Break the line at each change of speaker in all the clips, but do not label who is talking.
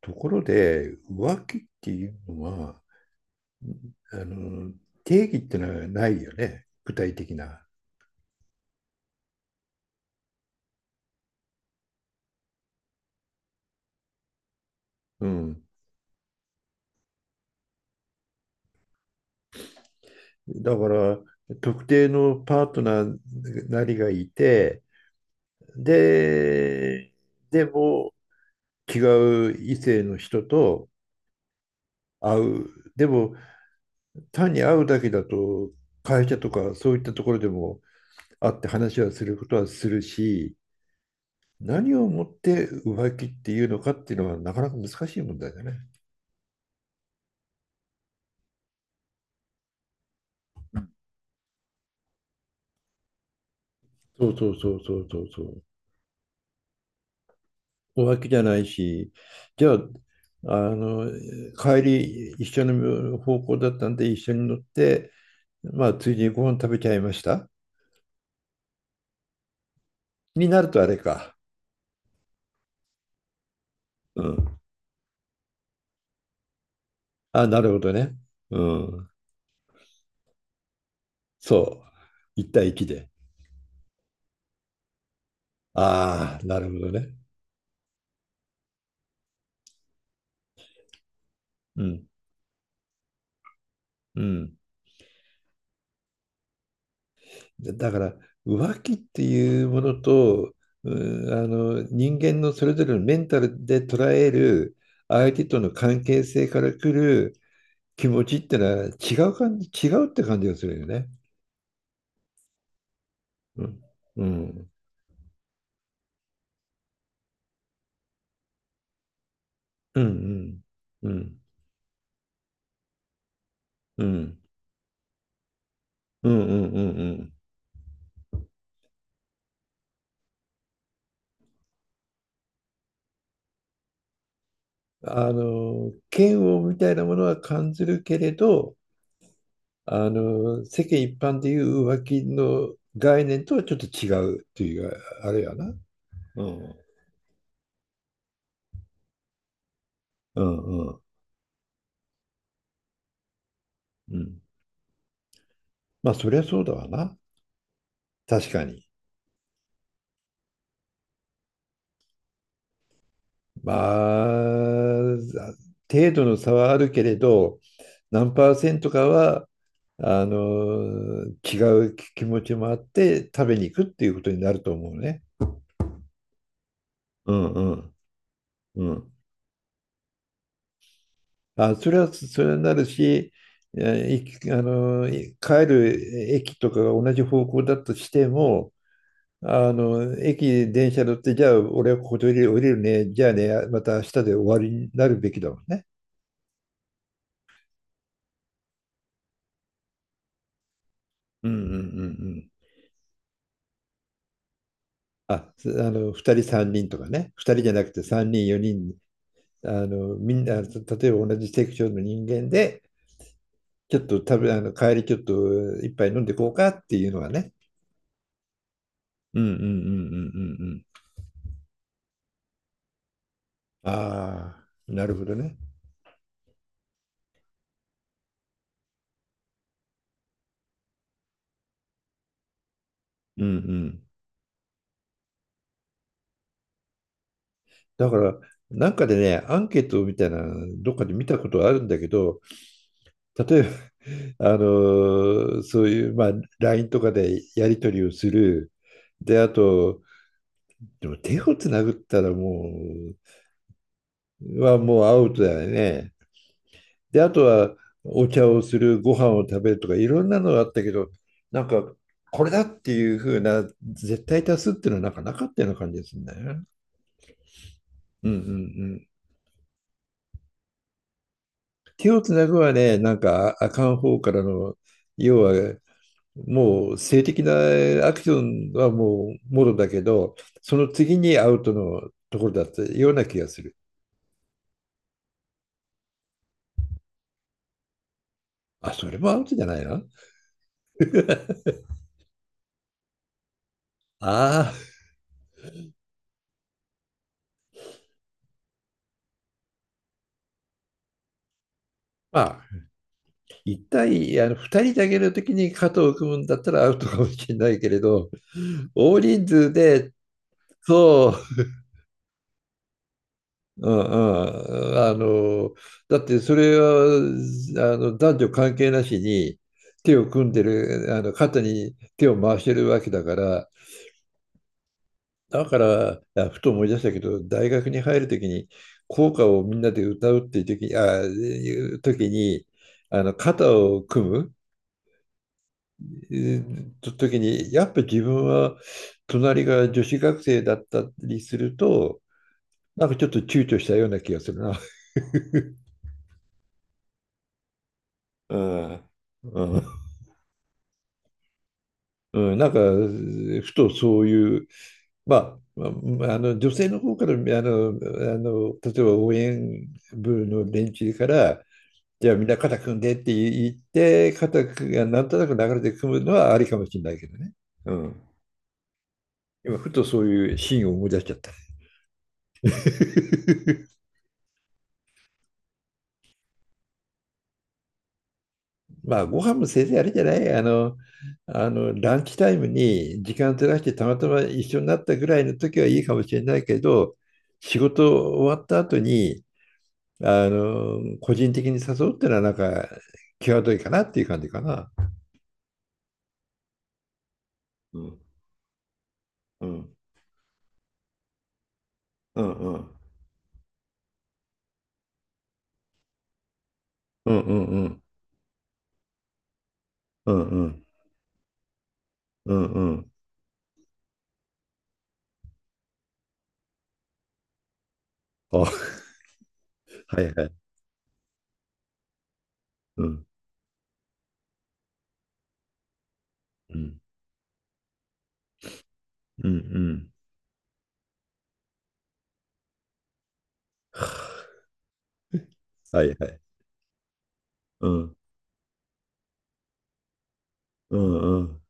ところで、浮気っていうのは、あの、定義ってのはないよね、具体的な。うん。だから、特定のパートナーなりがいて、で、でも違う異性の人と会う。でも、単に会うだけだと、会社とかそういったところでも会って話はすることはするし、何をもって浮気っていうのかっていうのはなかなか難しい問題だね。そうそうそうそうそうそう。浮気じゃないし、じゃあ、あの、帰り一緒の方向だったんで一緒に乗って、まあ、ついでにご飯食べちゃいました。になるとあれか。うん。あ、なるほどね。うん。そう。一対一で。ああ、なるほどね。うん。うん。だから、浮気っていうものと、人間のそれぞれのメンタルで捉える相手との関係性から来る気持ちってのは違う感じ、違うって感じがするよね。うん。うん。うん。うん。うん。うん。うん。うん。嫌悪みたいなものは感じるけれど、世間一般でいう浮気の概念とはちょっと違うっていうあれやな。うん。うん。うん。うん。まあ、そりゃそうだわな。確かに。まあ、程度の差はあるけれど、何パーセントかは違う気持ちもあって食べに行くっていうことになると思うね。うんうんうん。あ、それはそれになるし、えいあの、い帰る駅とかが同じ方向だとしても、駅、電車乗って、じゃあ俺はここで降りるね、じゃあね、また明日で終わりになるべきだもんね。うんうんうんうん。2人3人とかね、2人じゃなくて3人4人、みんな、例えば同じセクションの人間で、ちょっと食べ、帰りちょっと一杯飲んでこうかっていうのがね。うんうんうんうんうんうん、ああ、なるほどね。うんうん。だから、なんかでね、アンケートみたいな、どっかで見たことあるんだけど、例えば、そういう、まあ、LINE とかでやり取りをする。で、あと、でも手をつなぐったらもう、はもうアウトだよね。で、あとはお茶をする、ご飯を食べるとか、いろんなのがあったけど、なんか、これだっていう風な、絶対多数っていうのはなんかなかったような感じですね。うんうんうん。手をつなぐはね、なんか、ああかん方からの、要は、もう性的なアクションはもうもろだけど、その次にアウトのところだったような気がする。あ、それもアウトじゃないな。ああ、まあ、二人だけの時に肩を組むんだったらアウトかもしれないけれど、大人数で、そう、だってそれは、男女関係なしに手を組んでる、肩に手を回してるわけだから、だから、あふと思い出したけど、大学に入る時に、校歌をみんなで歌うっていう時に、時に、肩を組む、時に、やっぱ自分は隣が女子学生だったりすると、なんかちょっと躊躇したような気がするな。うん。うんうん、なんか、ふとそういう、ままあ、女性の方から例えば応援部の連中からじゃあみんな肩組んでって言って肩がなんとなく流れて組むのはありかもしれないけどね。うん。今ふとそういうシーンを思い出しちゃった。まあ、ご飯もせいぜいあれじゃない、ランチタイムに時間ずらしてたまたま一緒になったぐらいの時はいいかもしれないけど、仕事終わった後に、個人的に誘うってのはなんか、際どいかなっていう感じかな。うんうんうんうんうんうんうんうんうんうんうん、あ、はいはい。うんうんうんうん、はいはい。うんうんうん。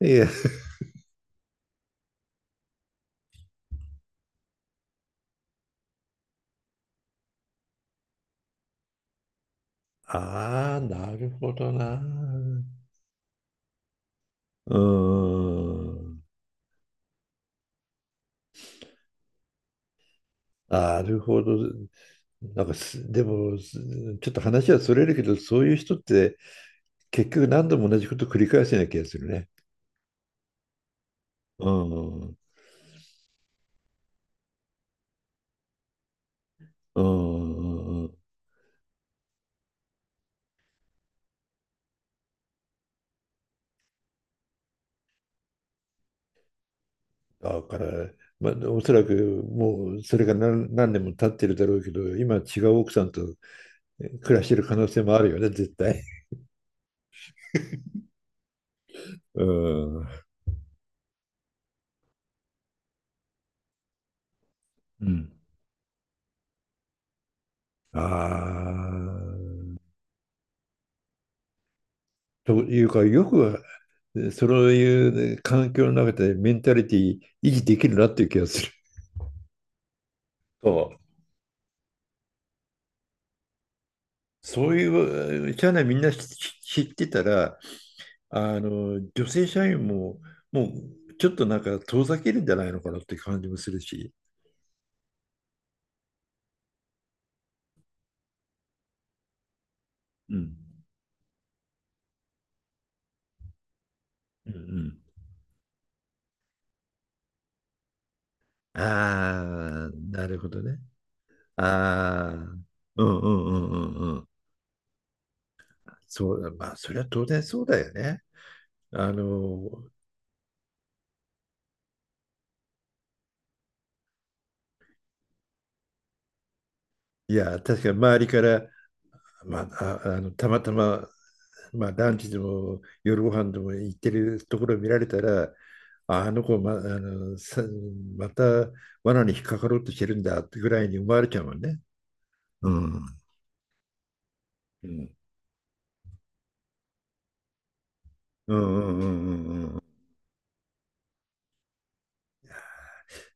いや、ああ、なるほどな。うーん。なるほど。なんかす、でも、ちょっと話はそれるけど、そういう人って結局何度も同じこと繰り返すような気がするね。うん。うんうんうん。だから、まあ、おそらくもうそれが何年も経ってるだろうけど、今は違う奥さんと暮らしてる可能性もあるよね、絶対。うん。うん。ああ。というか、よくそういうね環境の中でメンタリティ維持できるなっていう気がする。そう、そういう社内みんな知ってたら、あの女性社員ももうちょっとなんか遠ざけるんじゃないのかなって感じもするし。うんうんうん、ああ、なるほどね。ああ、うんうんうんうんうん。そう、まあ、それは当然そうだよね。あの、いや、確かに周りから、まあ、たまたまランチでも夜ご飯でも行ってるところを見られたら、ああの子ま、あのさまた罠に引っかかろうとしてるんだってぐらいに思われちゃうもんね。うん。うんうんうんうんうんうん、うん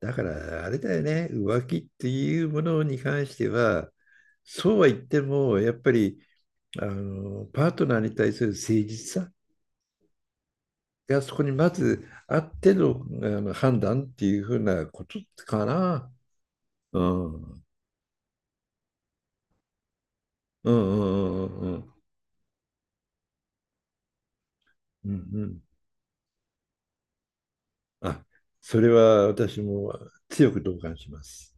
だからあれだよね、浮気っていうものに関しては、そうは言っても、やっぱりパートナーに対する誠実さがそこにまずあっての、判断っていうふうなことかな。うん。うんうんうんうんうんうんうん。あ、それは私も強く同感します。